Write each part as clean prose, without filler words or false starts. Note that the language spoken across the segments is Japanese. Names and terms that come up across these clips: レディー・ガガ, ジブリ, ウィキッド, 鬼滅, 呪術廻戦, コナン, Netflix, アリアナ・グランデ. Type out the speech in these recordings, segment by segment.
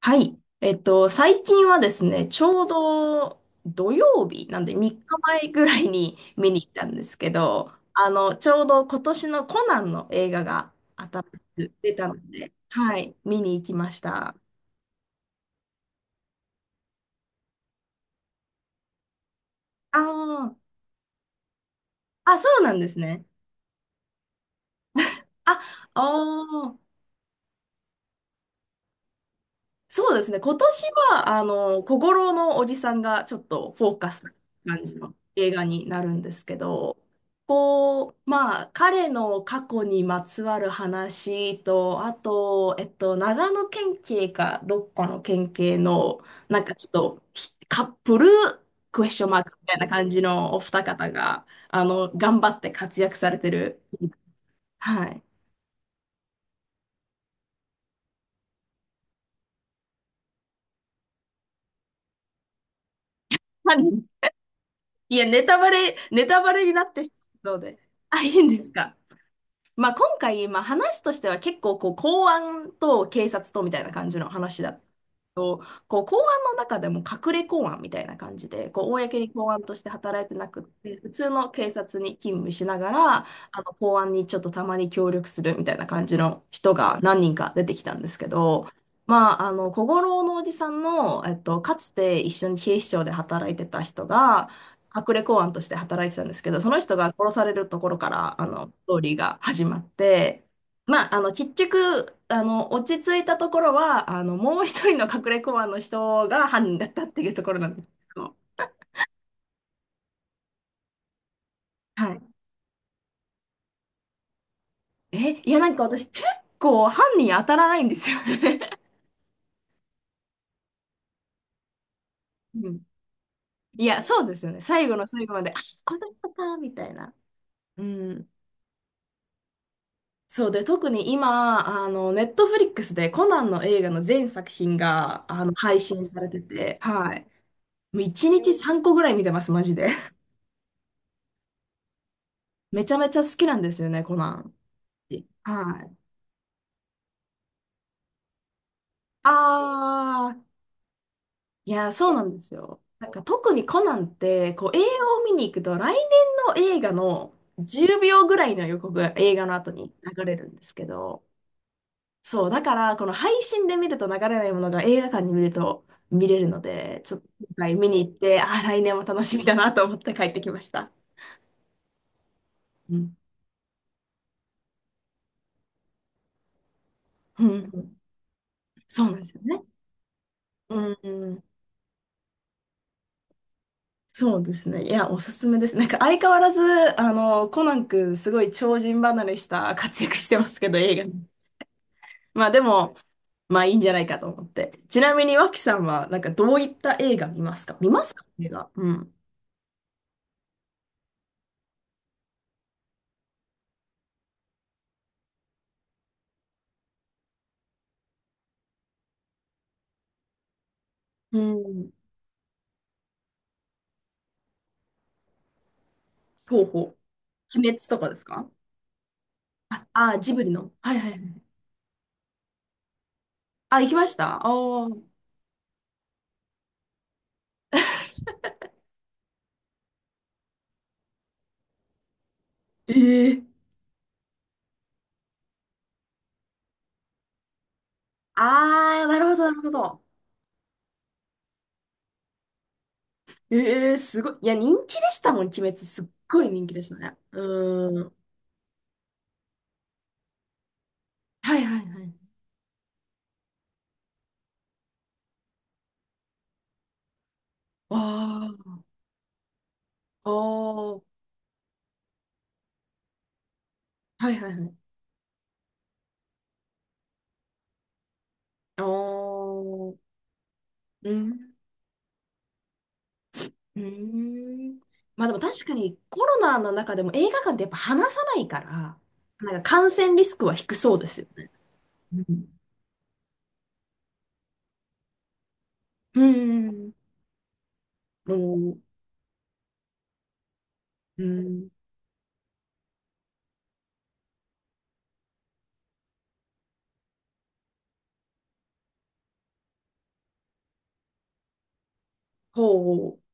はい。最近はですね、ちょうど土曜日、なんで3日前ぐらいに見に行ったんですけど、ちょうど今年のコナンの映画が新しく出たので、はい、見に行きました。あーあ、そうなんですね。あ、あーそうですね。今年は、小五郎のおじさんがちょっとフォーカスな感じの映画になるんですけど、こう、まあ、彼の過去にまつわる話と、あと、長野県警かどっかの県警の、なんかちょっとひカップルクエスチョンマークみたいな感じのお二方が、頑張って活躍されてる。はい。何いや、ネタバレになってしまうので。あ、いいんですか？まあ、今回、まあ、話としては結構こう公安と警察とみたいな感じの話だったけど、こう公安の中でも隠れ公安みたいな感じでこう公に公安として働いてなくって、普通の警察に勤務しながら、あの公安にちょっとたまに協力するみたいな感じの人が何人か出てきたんですけど。まあ、小五郎のおじさんの、かつて一緒に警視庁で働いてた人が、隠れ公安として働いてたんですけど、その人が殺されるところから、ストーリーが始まって、まあ、結局、落ち着いたところは、もう一人の隠れ公安の人が犯人だったっていうところなんですけど、はい。いや、なんか私、結構犯人当たらないんですよね。うん。いや、そうですよね。最後の最後まで、あ、この人か、みたいな。うん。そうで、特に今、ネットフリックスでコナンの映画の全作品が、配信されてて、はい。もう1日3個ぐらい見てます、マジで。めちゃめちゃ好きなんですよね、コナン。はい。あー、いや、そうなんですよ。なんか特にコナンって、こう映画を見に行くと、来年の映画の10秒ぐらいの予告が映画の後に流れるんですけど、そう、だからこの配信で見ると流れないものが映画館に見ると見れるので、ちょっと今回見に行って、ああ来年も楽しみだなと思って帰ってきました。うん。うん。そうなんですよね。うん。そうですね。いや、おすすめです。なんか相変わらず、コナン君、すごい超人離れした活躍してますけど、映画に。まあでも、まあいいんじゃないかと思って。ちなみに、脇さんは、なんかどういった映画見ますか、映画？うん。うん。ほうほう。鬼滅とかですか？あ、ジブリの。はいはいはい。あ、行きましたああー。ええああ、なるほど、なるほど。ええすごい。いや、人気でしたもん、鬼滅。すっごい人気でしたね。うーん。はいはいはい。わあ。ああ、はいはいはい。ああ、うん、うん。まあでも確かにコロナの中でも映画館ってやっぱ話さないから、なんか感染リスクは低そうですよね。うん。うん。うん。うんほう。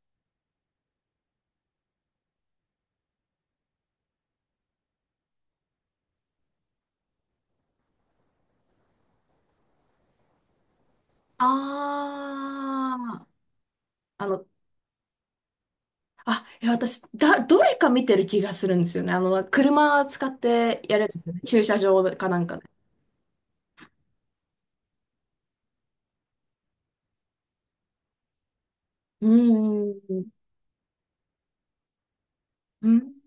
ああ、あ、いや私、どれか見てる気がするんですよね。車使ってやるやつですよね。駐車場かなんかで。うん。うん。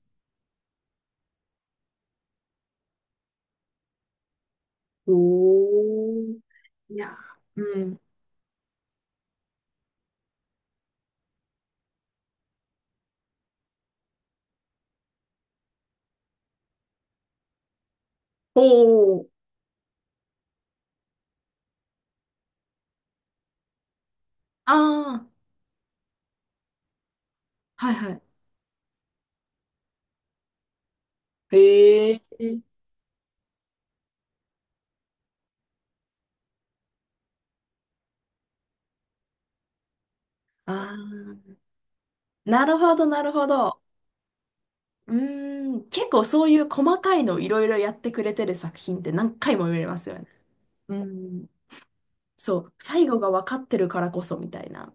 おー。いや、うん。おーああ、はいはい。へえ。ああ、なるほど、なるほど。うーん、結構そういう細かいのをいろいろやってくれてる作品って何回も見れますよね。うん、そう、最後が分かってるからこそみたいな。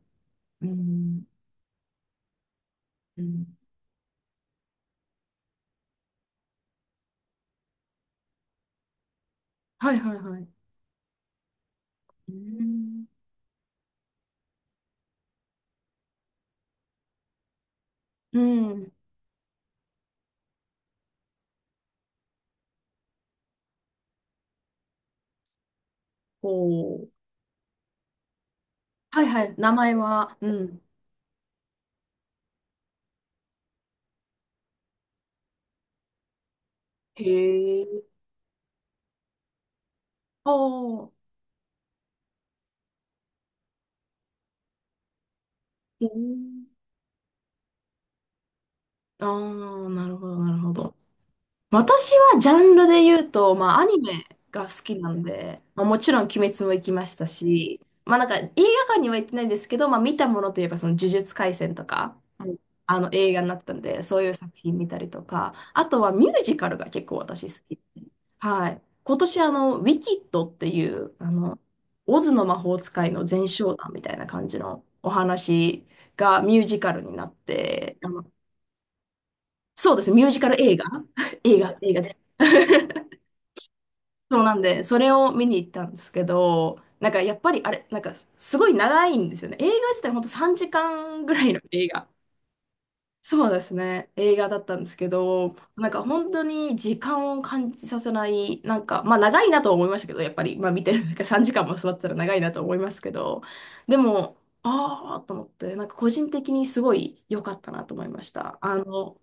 うん、うん、はいはいはい。うん、うん、おー、はいはい、名前は、うん。へえ。おー、うんああ、なるほど、なるほど。私はジャンルで言うと、まあ、アニメが好きなんで、まあ、もちろん「鬼滅」も行きましたし、まあ、なんか映画館には行ってないんですけど、まあ、見たものといえば、その「呪術廻戦」とか、うんあの映画になったんで、そういう作品見たりとか、あとはミュージカルが結構私好き。はい。今年、ウィキッドっていう、オズの魔法使いの前哨団みたいな感じのお話がミュージカルになって、そうですね、ミュージカル映画。 映画です。そうなんで、それを見に行ったんですけど、なんかやっぱりあれ、なんかすごい長いんですよね。映画自体ほんと3時間ぐらいの映画。そうですね、映画だったんですけど、なんか本当に時間を感じさせない、なんか、まあ長いなとは思いましたけど、やっぱり、まあ見てる、なんか3時間も座ってたら長いなと思いますけど、でも、ああ、と思って、なんか個人的にすごい良かったなと思いました。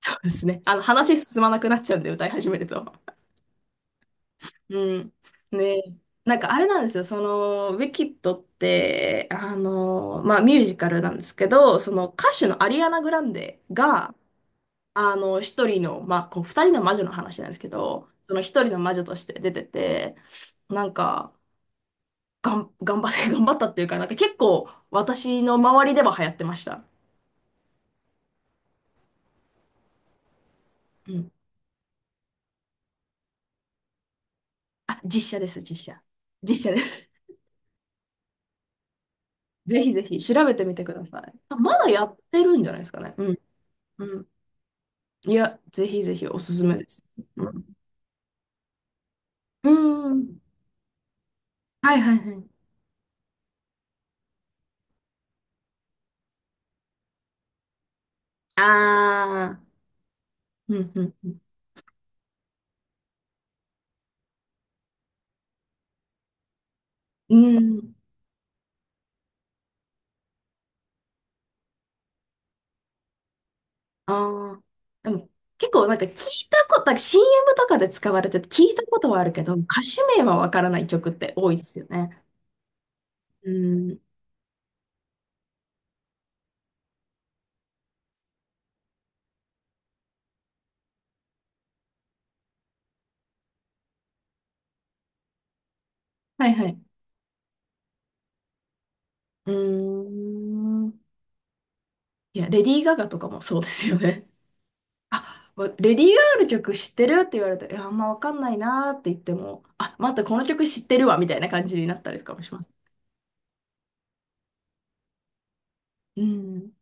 そうですね、あの話進まなくなっちゃうんで、歌い始めると。うん。ね、なんかあれなんですよ、その、ウィキッドって、まあ、ミュージカルなんですけど、その歌手のアリアナ・グランデが、一人の、まあ、こう、二人の魔女の話なんですけど、その一人の魔女として出てて、なんか、頑張って、頑張ったっていうか、なんか結構、私の周りでは流行ってました。うん。あ、実写です、実写。実写です。ぜひぜひ、調べてみてください。あまだやってるんじゃないですかね。うん。うんいや、ぜひぜひおすすめです。うん。うん。はいはいはい。ああ。うんうんうん。うん。ああ。でも、結構なんか聞いたこと、なんか CM とかで使われてて聞いたことはあるけど、歌手名はわからない曲って多いですよね。うん。はいはい。うーん。いや、レディー・ガガとかもそうですよね。あ、わレディー・ガガの曲知ってるって言われて、いや、あんまわかんないなーって言っても、あ、待って、この曲知ってるわ、みたいな感じになったりとかもします。うん。